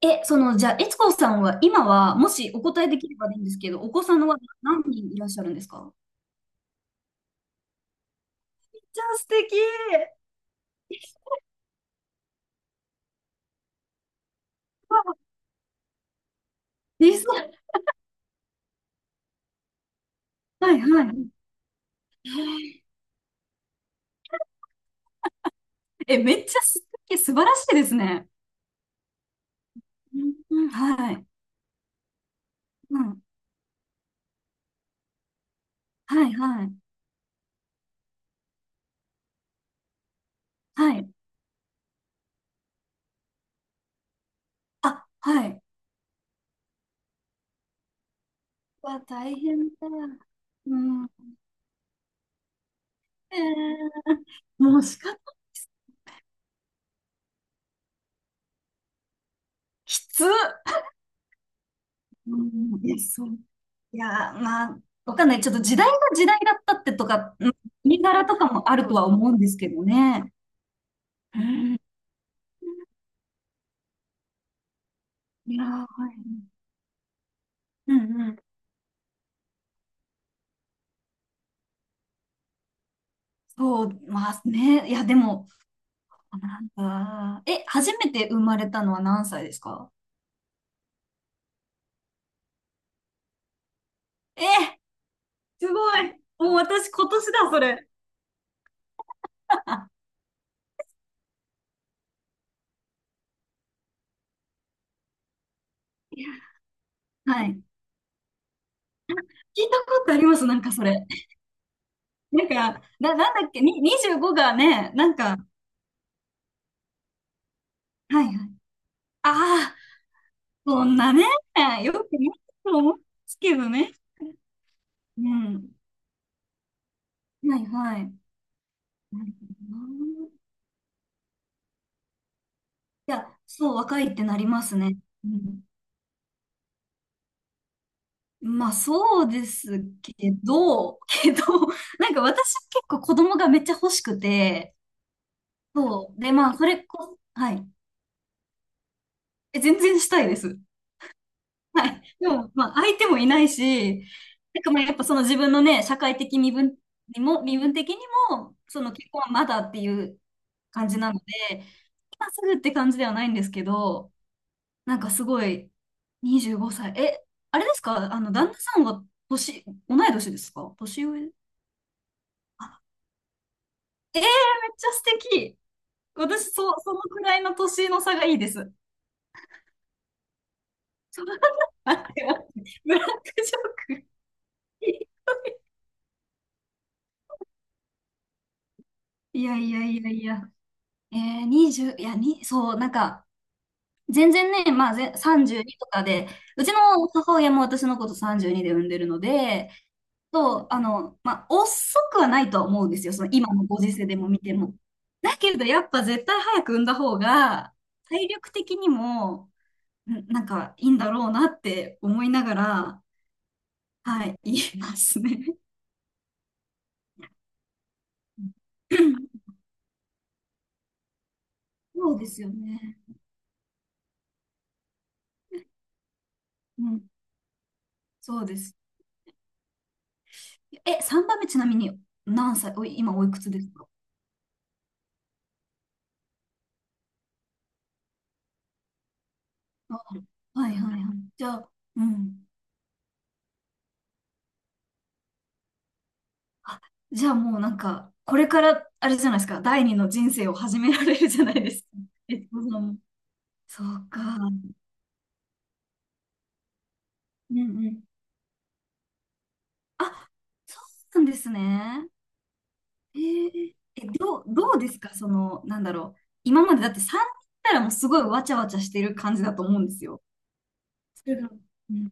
え、その、じゃあ、悦子さんは、今は、もしお答えできればでいいんですけど、お子さんは何人いらっしゃるんですか？じゃあ素敵。わあ。小さ。はいはい。めっちゃ素敵、素晴らしいですね。うんうん、はい。うん。はいはい。はい。あ、はい。わ、大変だ。うん。もう仕方。きつ。うん、そう。いやー、まあ、わかんない。ちょっと時代が時代だったってとか、うん。国柄とかもあるとは思うんですけどね。うん。いやー、はい。うんうん。そう、まあね。いや、でも、なんか、初めて生まれたのは何歳ですか？え、すごい。もう私今年だ、それ。はい。あ、聞いたことあります、なんかそれ。なんか、なんだっけ、に、25がね、なんか、はいはい。ああ、そんなね、よくないと思うんですけどね。うん。はいはい。なるほどな。いや、そう、若いってなりますね。うん。まあ、そうですけけど、なんか私結構子供がめっちゃ欲しくて、そう。で、まあ、それこ、はい。全然したいです。はい。でも、まあ、相手もいないし、なんかまあ、やっぱその自分のね、社会的身分にも、身分的にも、その結婚はまだっていう感じなので、今すぐって感じではないんですけど、なんかすごい、25歳。あれですか、あの、旦那さんは年、同い年ですか、年上？あ、めっちゃ素敵。私、そう、そのくらいの年の差がいいです。そんな、待って待って、ブラックジョーク。いやいやいやいや。20、いや、に、そう、なんか、全然ね、まあ、ぜ、32とかで、うちの母親も私のこと32で産んでるので、そう、あの、まあ、遅くはないとは思うんですよ。その今のご時世でも見ても。だけど、やっぱ絶対早く産んだ方が、体力的にも、なんか、いいんだろうなって思いながら、はい、言いますね。そうですよね。うん、そうです。3番目ちなみに何歳、おい、今おいくつですか？はいはいはい。じゃあ、うん。あ、じゃあもうなんか、これから、あれじゃないですか、第二の人生を始められるじゃないですか。えっと、その、そうか。うんうん。あ、そうなんですね。えーえ、ど、うどうですか、その、なんだろう今までだって3人いたらもうすごいわちゃわちゃしてる感じだと思うんですよ。それが、うん。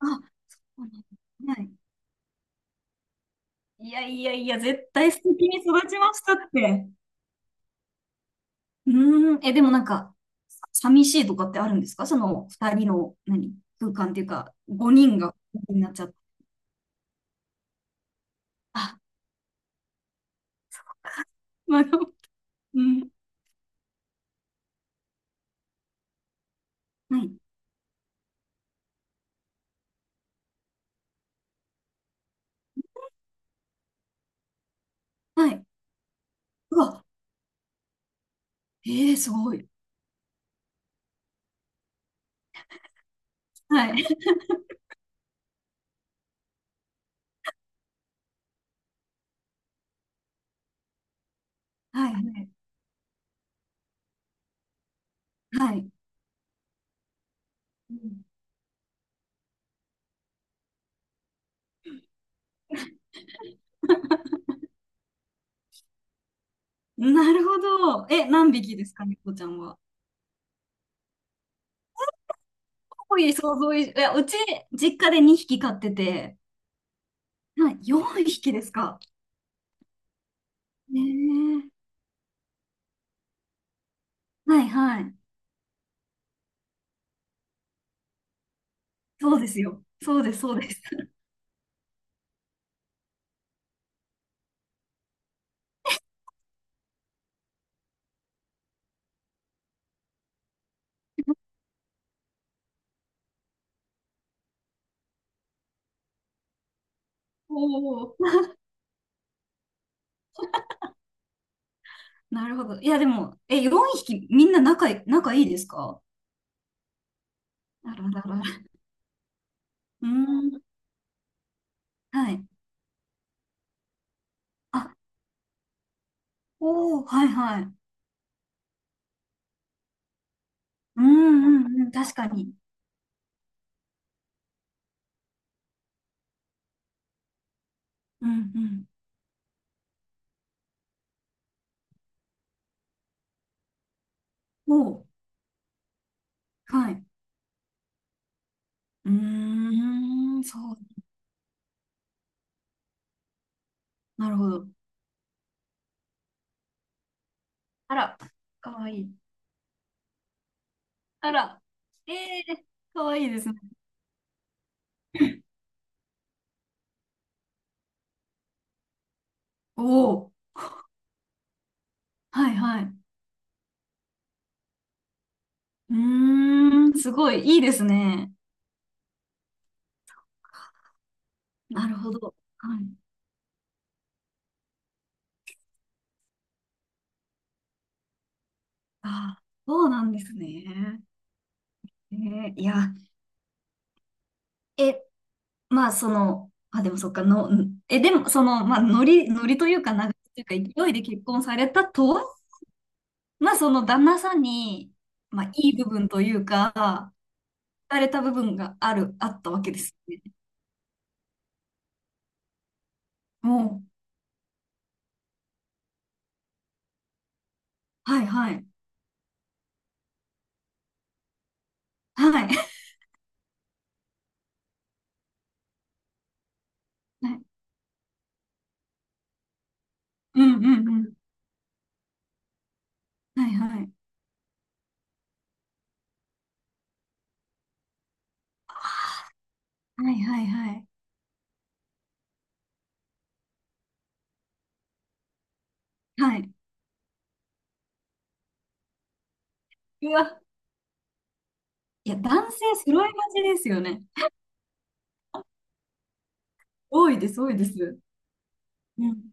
あ、はい。いやいやいや、絶対素敵に育ちましたって。うーん、え、でもなんか、寂しいとかってあるんですか、その二人の、何、空間っていうか、五人がになっちゃった。あ、まあ、でもうん、はい、はい。うわ、ええすごい。はい、はい、はい、はい。うんなるほど。え、何匹ですか、猫ちゃんは。多ういう想像以上、いや、うち、実家で2匹飼ってて、はい、4匹ですか。ねえ。はい、はい。そうですよ。そうです、そうです。おお。なるほど。いや、でも、え、4匹みんな仲い、仲いいですか？なるほど、なるほど。うーん、はい。あ、おー、はい、はい。うんうんうん、確かに。うんうん。おー、はい。うーん、そう。なるほど。あら、かわいい。あら、えー、かわいいですね。おー、はいはい。うーん、すごい、いいですね。なるほど。はい。あー、そうなんですね。えーいや、え、まあ、その、あ、でもそっか、の、んえ、でも、その、まあ、ノリというか、流れというか、勢いで結婚されたとは、まあ、その旦那さんに、まあ、いい部分というか、惹かれた部分がある、あったわけですよね。もう、はい、はい、はい、はい、うん、うん、うん、はい、はい、はい、はい、はい、はい。うわ、いや、男性揃いがちですよね。多いです、多いです。うん、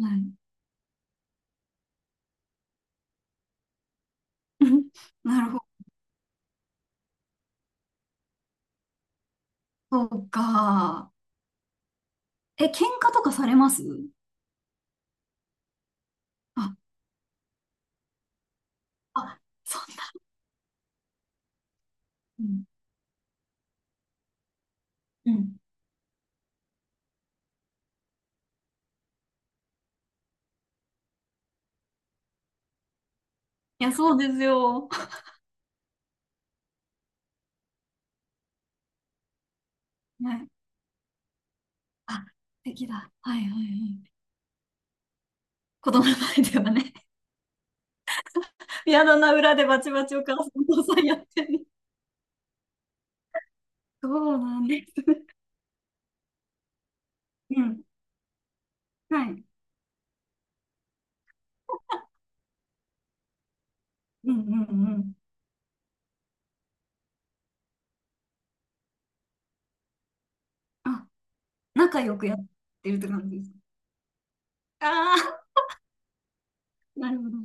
はい。なるほど、そうか。喧嘩とかされますああ、そんな。うんうん。いや、そうですよ。はい。あ、素敵だ。はいはいはい。子供の前ではね、ピアノの裏でバチバチお母さんお父さんやってる。そうなんですねうん。はい。うんうんうん。あ、仲良くやってるって感じですか。ああー、なるほど。